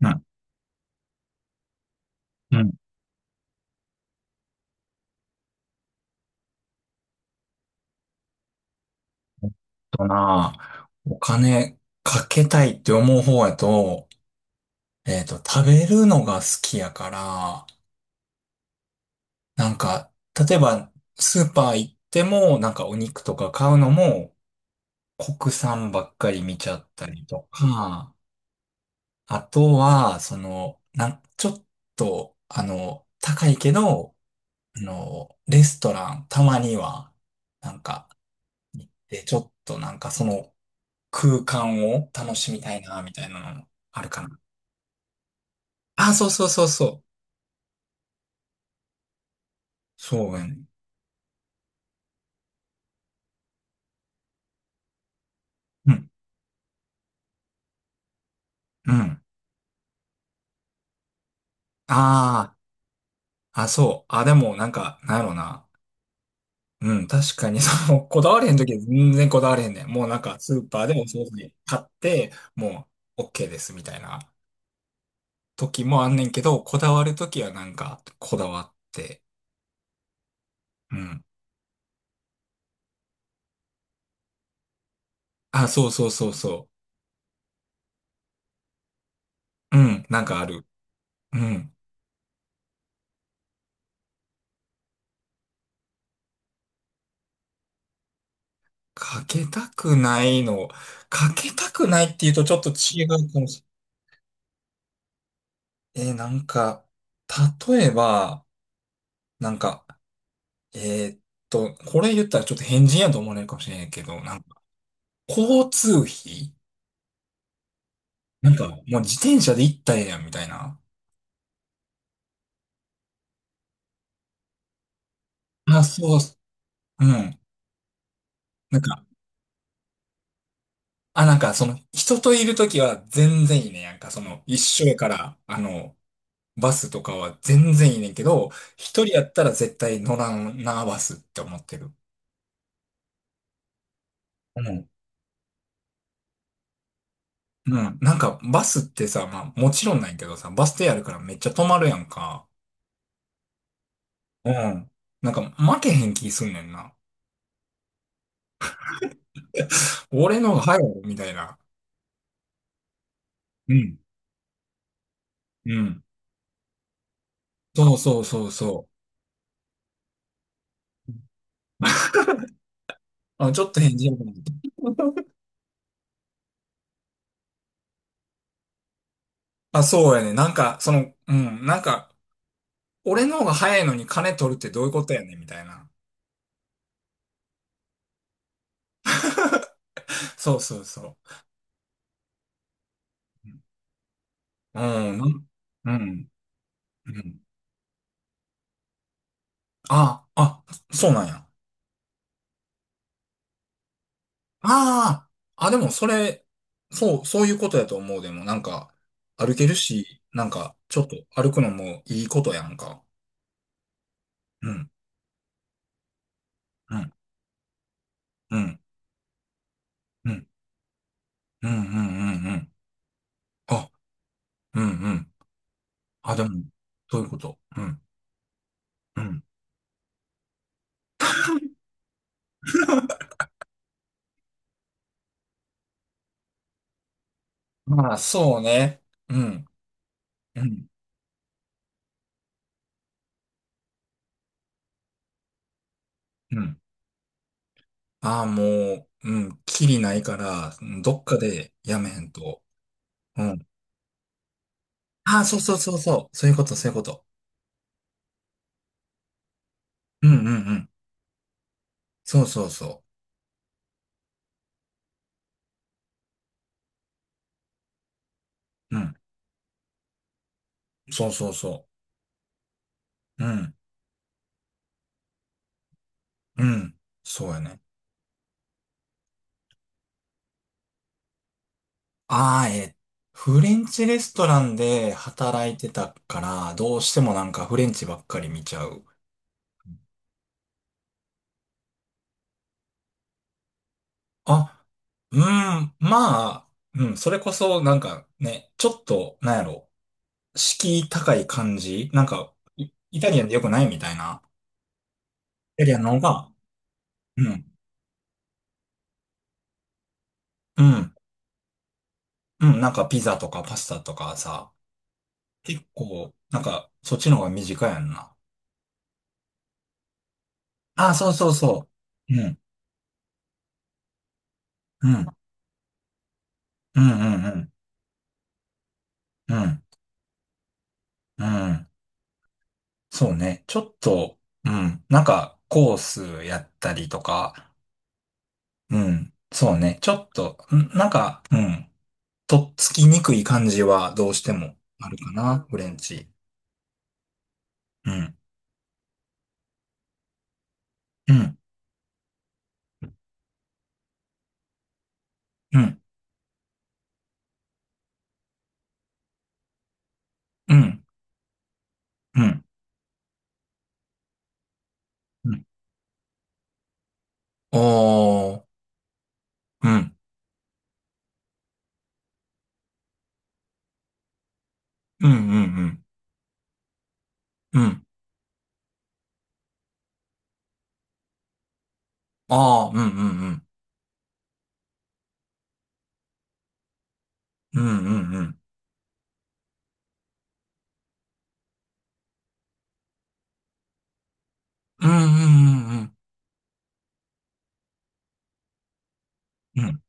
な、うん。えっな、お金かけたいって思う方やと、食べるのが好きやから、なんか、例えば、スーパー行っても、なんかお肉とか買うのも、国産ばっかり見ちゃったりとか、あとは、ちょっと、高いけど、レストラン、たまには、なんか、行って、ちょっと空間を楽しみたいな、みたいなのあるかな。あ、そうそうそうそう。そうやね。うん。うん。ああ、あ、そう。あ、でも、なんか、なんやろな。うん、確かに、こだわれへんときは全然こだわれへんねん。もうなんか、スーパーでお惣菜買って、もう、OK です、みたいな時もあんねんけど、こだわるときはなんか、こだわって。うん。あ、そうそうそうそう。うん、なんかある。うん。かけたくないの。かけたくないっていうとちょっと違うかもしれない。なんか、例えば、なんか、えーっこれ言ったらちょっと変人やと思われるかもしれないけど、なんか、交通費なんか、もう自転車で行ったらええやん、みたいな。あ、そう、うん。なんか、あ、なんか、人といるときは全然いいね。なんか、一緒やから、バスとかは全然いいねんけど、一人やったら絶対乗らんな、バスって思ってる。うんうん。なんか、バスってさ、まあ、もちろんないけどさ、バス停あるからめっちゃ止まるやんか。うん。なんか、負けへん気すんねんな。俺のが早い、みたいな。うん。うん。そうそうそうそう。あ、ちょっと返事やと思ってあ、そうやね。なんか、うん。なんか、俺の方が早いのに金取るってどういうことやねん、みたいな。そうそうそう。うん。うん。うん。うんあ、あ、そうなんや。ああ、あ、でもそれ、そう、そういうことやと思う。でもなんか、歩けるし、なんか、ちょっと歩くのもいいことやんか。うん、うん、うん、うん、うん、うん、うんうん。あ、うん、うん。あ、でも、そういうこと。うん、うん。まあ、そうね。うん、うん、うん。ああ、もう、うん、きりないから、うんどっかでやめへんと。うん。ああ、そうそうそうそう。そういうこと、そういうこと。うん、うん、うん。そうそうそう。うん。そうそうそう。うん、うん、そうやね。ああ、フレンチレストランで働いてたから、どうしてもなんかフレンチばっかり見ちゃう。あ、うん、まあ、うん、それこそなんかね、ちょっと、なんやろ、敷居高い感じなんか、イイタリアンでよくないみたいな。イタリアンの方が、うん、うん、うん、なんかピザとかパスタとかさ、結構、なんか、そっちの方が短いやんな。あ、そうそうそう。うん、うん、うん、うん、うん。うん、うん。そうね。ちょっと、うん。なんか、コースやったりとか、うん。そうね。ちょっと、なんか、うん。とっつきにくい感じはどうしてもあるかな、フレンチ。うん、うん、うん、うん、うん、うん。おー、うん、うん、うん、うん、うん。あー、うん、うん、うん、うん、うん、うん、うん、うん、うん、うん、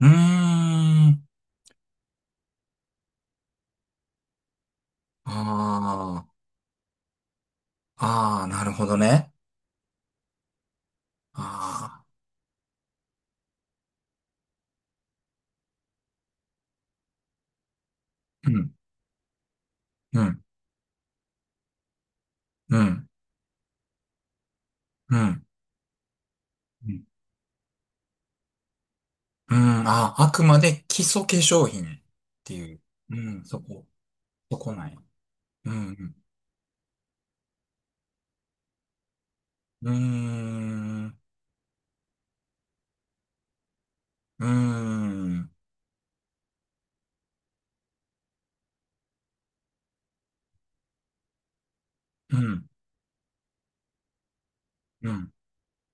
ーんああなるほどね。ああうんうん、うん、うん、うん。うんあ、あくまで基礎化粧品っていう、うん、そこ、そこない。うん、うん、うーん、うーん、うん、うん、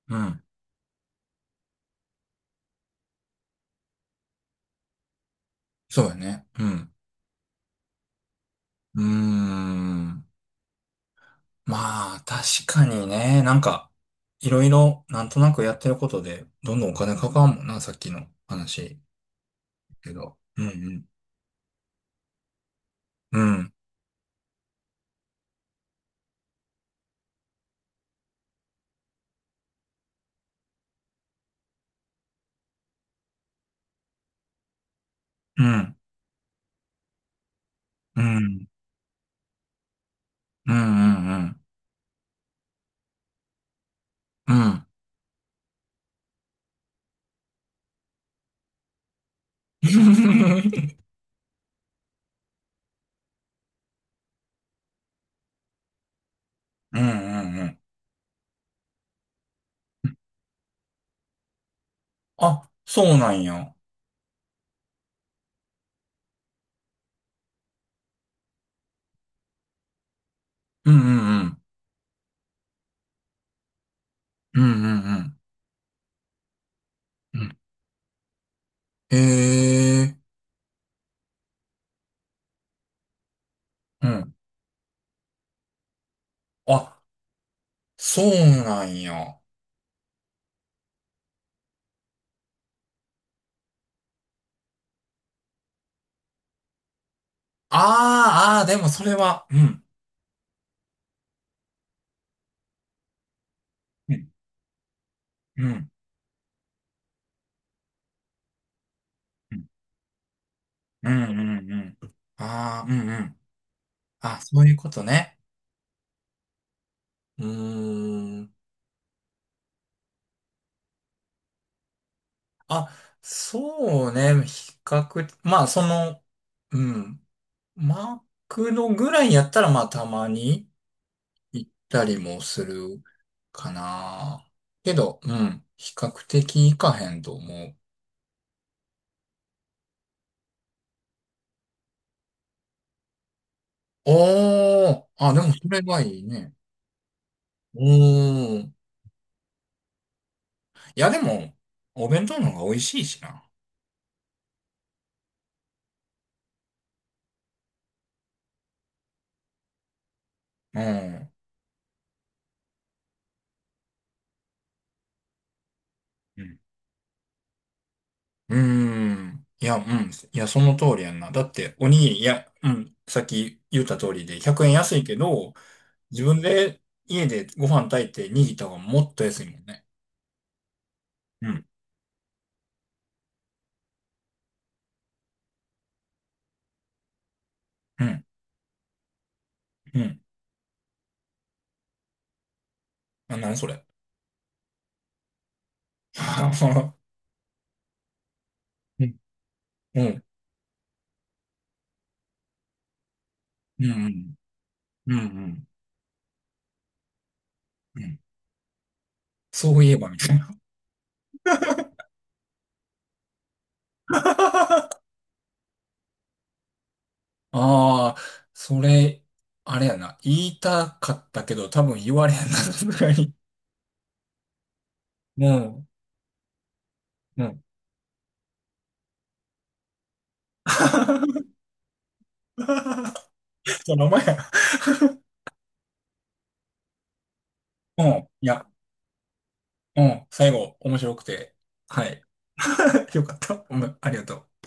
うん。そうだね。うん、うーん。まあ、確かにね、なんか、いろいろ、なんとなくやってることで、どんどんお金かかんもんな、さっきの話。けど。うん、うん、うん、うん、うん、うん、うん、うん。うん うんうんうん。あ、そうなんや。うんうんうん。うんうんうん。うんへえ。うん。あ、そうなんや。ああ、ああ、でもそれは、うん。うん。うん。うん。うん。うん。ああ、うんうん。あ、そういうことね。うーん。あ、そうね。比較、まあ、うん。マクドぐらいやったら、まあ、たまに。行ったりもするかな。けど、うん、比較的行かへんと思う。おー、あ、でもそれがいいね。おー。いや、でも、お弁当の方が美味しいしな。うん。うん。うーん。いや、うん。いや、その通りやんな。だって、おにぎり、いや、うん。さっき言った通りで、100円安いけど、自分で家でご飯炊いて握った方がもっと安いもんね。うん。うん。うん。あ、何それ。うん。うんうんうん。うんうん。うんそういえばみたいな。ああ、それ、あれやな。言いたかったけど、多分言われへんな、さすがに。うん。うん。その前や。うん。いや、うん。最後、面白くて。はい。よかった。うん。ありがとう。